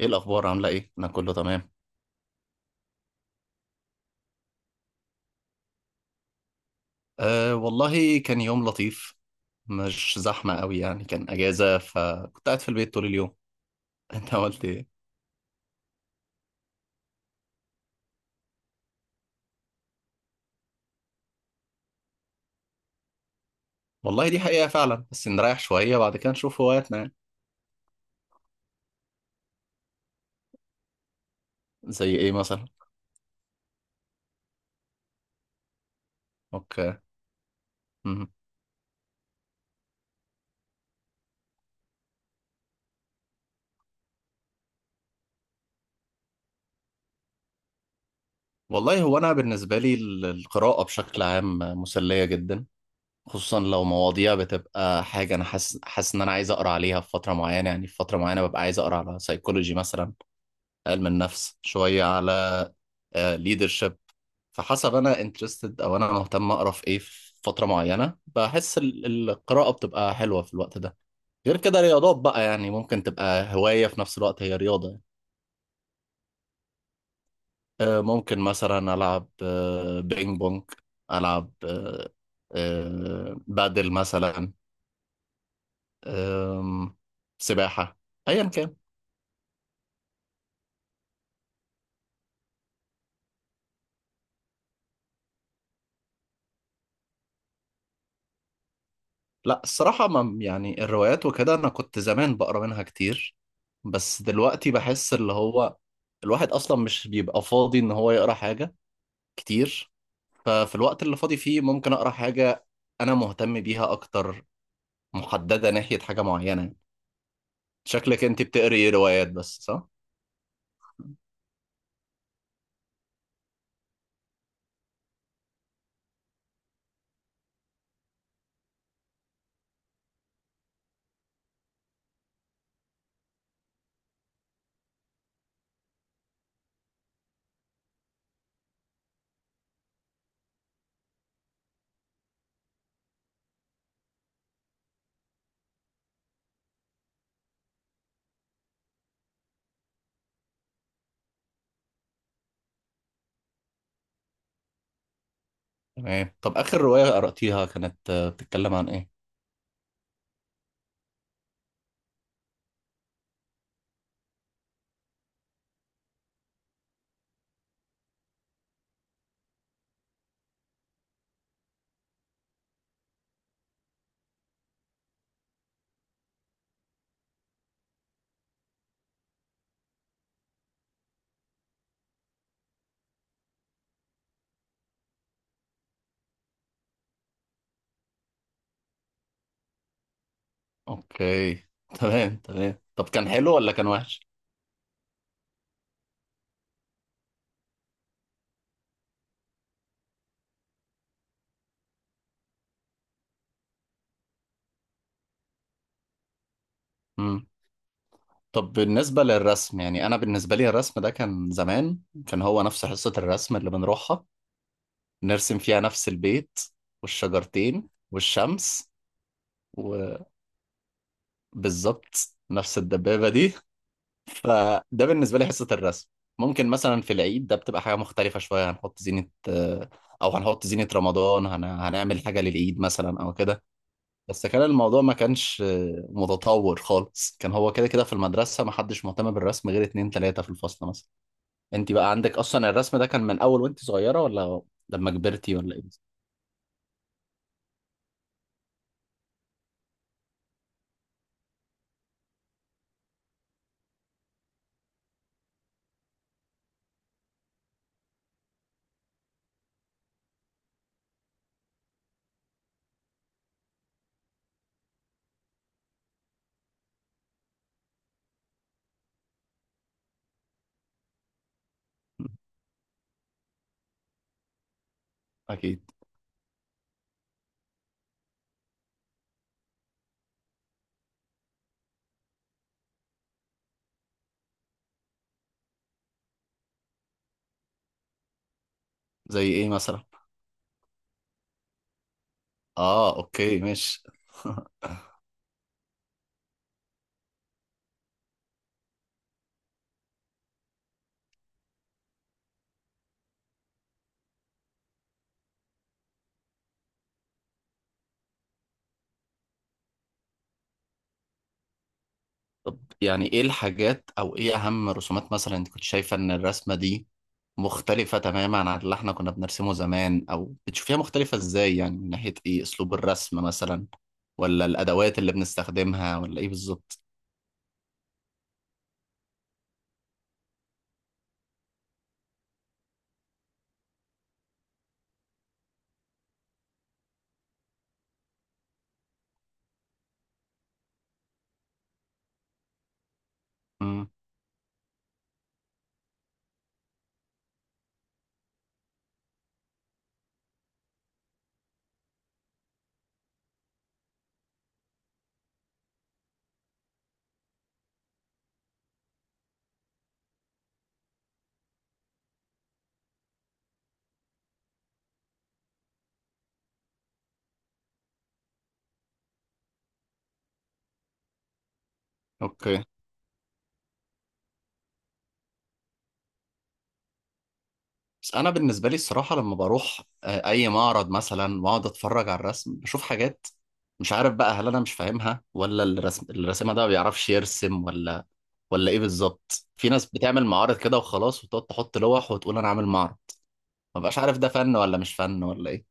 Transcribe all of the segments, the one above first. ايه الاخبار، عامله ايه؟ انا كله تمام. أه والله كان يوم لطيف. مش زحمه قوي يعني، كان اجازه فكنت قاعد في البيت طول اليوم. انت عملت ايه؟ والله دي حقيقه فعلا، بس نريح شويه بعد كده نشوف هواياتنا يعني. زي ايه مثلا؟ اوكي. مم. والله هو انا بالنسبه لي القراءه بشكل عام مسليه جدا. خصوصا لو مواضيع بتبقى حاجه، انا حاسس ان انا عايز اقرا عليها في فتره معينه، يعني في فتره معينه ببقى عايز اقرا على سيكولوجي مثلا. علم النفس، شوية على ليدرشيب. فحسب أنا انترستد، أو أنا مهتم أقرأ في إيه في فترة معينة، بحس القراءة بتبقى حلوة في الوقت ده. غير كده رياضات بقى، يعني ممكن تبقى هواية في نفس الوقت هي رياضة يعني. ممكن مثلا ألعب بينج بونج. ألعب آه، بادل مثلا. آم، سباحة. أيا كان. لا الصراحة، ما يعني الروايات وكده أنا كنت زمان بقرا منها كتير. بس دلوقتي بحس اللي هو الواحد أصلا مش بيبقى فاضي إن هو يقرا حاجة كتير. ففي الوقت اللي فاضي فيه ممكن أقرا حاجة أنا مهتم بيها أكتر، محددة ناحية حاجة معينة. شكلك أنت بتقري إيه، روايات بس، صح؟ تمام. طب آخر رواية قرأتيها كانت بتتكلم عن إيه؟ أوكي. تمام تمام. طب كان حلو ولا كان وحش؟ طب بالنسبة للرسم، يعني أنا بالنسبة لي الرسم ده كان زمان. كان هو نفس حصة الرسم اللي بنروحها، نرسم فيها نفس البيت والشجرتين والشمس. وبالظبط نفس الدبابة دي. فده بالنسبة لي حصة الرسم. ممكن مثلا في العيد ده بتبقى حاجة مختلفة شوية، هنحط زينة، أو هنحط زينة رمضان، هنعمل حاجة للعيد مثلا أو كده. بس كان الموضوع ما كانش متطور خالص، كان هو كده كده في المدرسة ما حدش مهتم بالرسم غير اتنين تلاتة في الفصل مثلا. انت بقى عندك اصلا الرسم ده كان من اول وانت صغيرة، ولا لما كبرتي، ولا ايه؟ اكيد. زي ايه مثلا؟ اه اوكي ماشي. طب يعني ايه الحاجات، او ايه اهم رسومات مثلا انت كنت شايفة ان الرسمة دي مختلفة تماما عن اللي احنا كنا بنرسمه زمان، او بتشوفيها مختلفة ازاي، يعني من ناحية ايه، اسلوب الرسم مثلا، ولا الادوات اللي بنستخدمها، ولا ايه بالظبط؟ امم. اوكي. بس انا بالنسبه لي الصراحه، لما بروح اي معرض مثلا واقعد اتفرج على الرسم بشوف حاجات مش عارف بقى، هل انا مش فاهمها ولا الرسم، الرسامه ده ما بيعرفش يرسم، ولا ايه بالظبط. في ناس بتعمل معارض كده وخلاص، وتقعد تحط لوح وتقول انا عامل معرض، ما بقاش عارف ده فن ولا مش فن ولا ايه.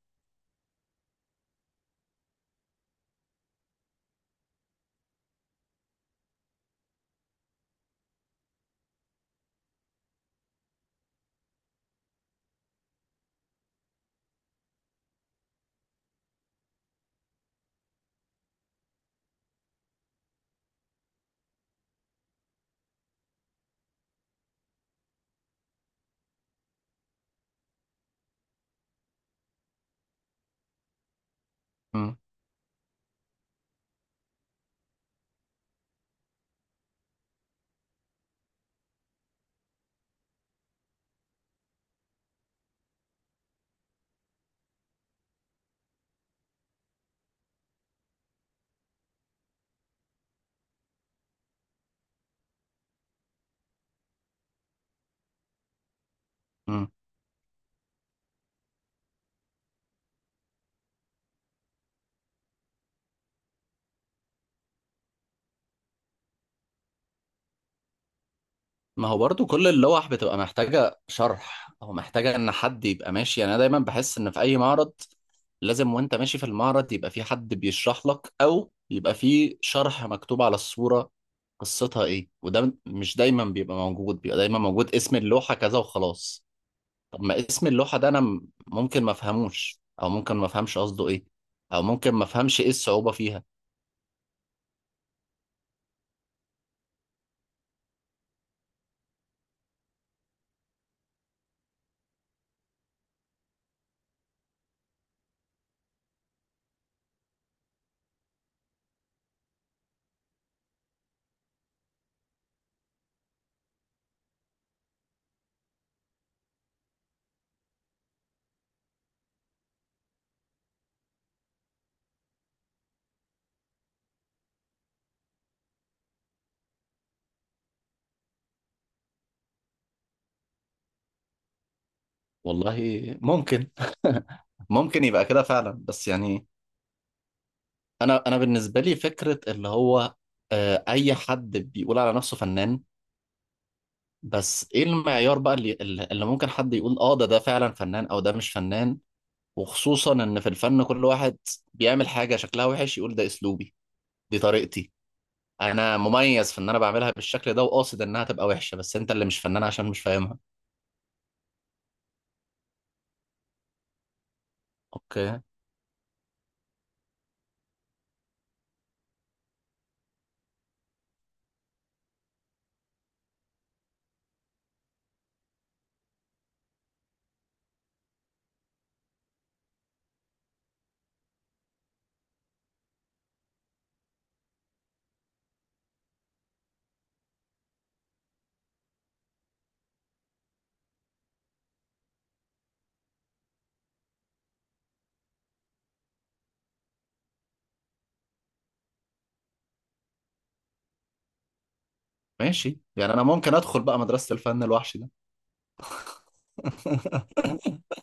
مم. ما هو برضو كل اللوح بتبقى محتاجة شرح، أو محتاجة إن حد يبقى ماشي، يعني أنا دايما بحس إن في أي معرض لازم وأنت ماشي في المعرض يبقى في حد بيشرح لك، أو يبقى في شرح مكتوب على الصورة قصتها إيه، وده مش دايما بيبقى موجود، بيبقى دايما موجود اسم اللوحة كذا وخلاص. طب ما اسم اللوحة ده أنا ممكن ما أفهموش، أو ممكن ما أفهمش قصده إيه. أو ممكن ما أفهمش إيه الصعوبة فيها. والله، ممكن. ممكن يبقى كده فعلا، بس يعني انا بالنسبه لي فكره اللي هو اي حد بيقول على نفسه فنان. بس ايه المعيار بقى اللي ممكن حد يقول اه ده فعلا فنان، او ده مش فنان. وخصوصا ان في الفن كل واحد بيعمل حاجه شكلها وحش يقول ده اسلوبي، دي طريقتي، انا مميز في ان انا بعملها بالشكل ده وقاصد انها تبقى وحشه، بس انت اللي مش فنان عشان مش فاهمها. اوكي ماشي، يعني انا ممكن ادخل بقى مدرسه الفن الوحش ده.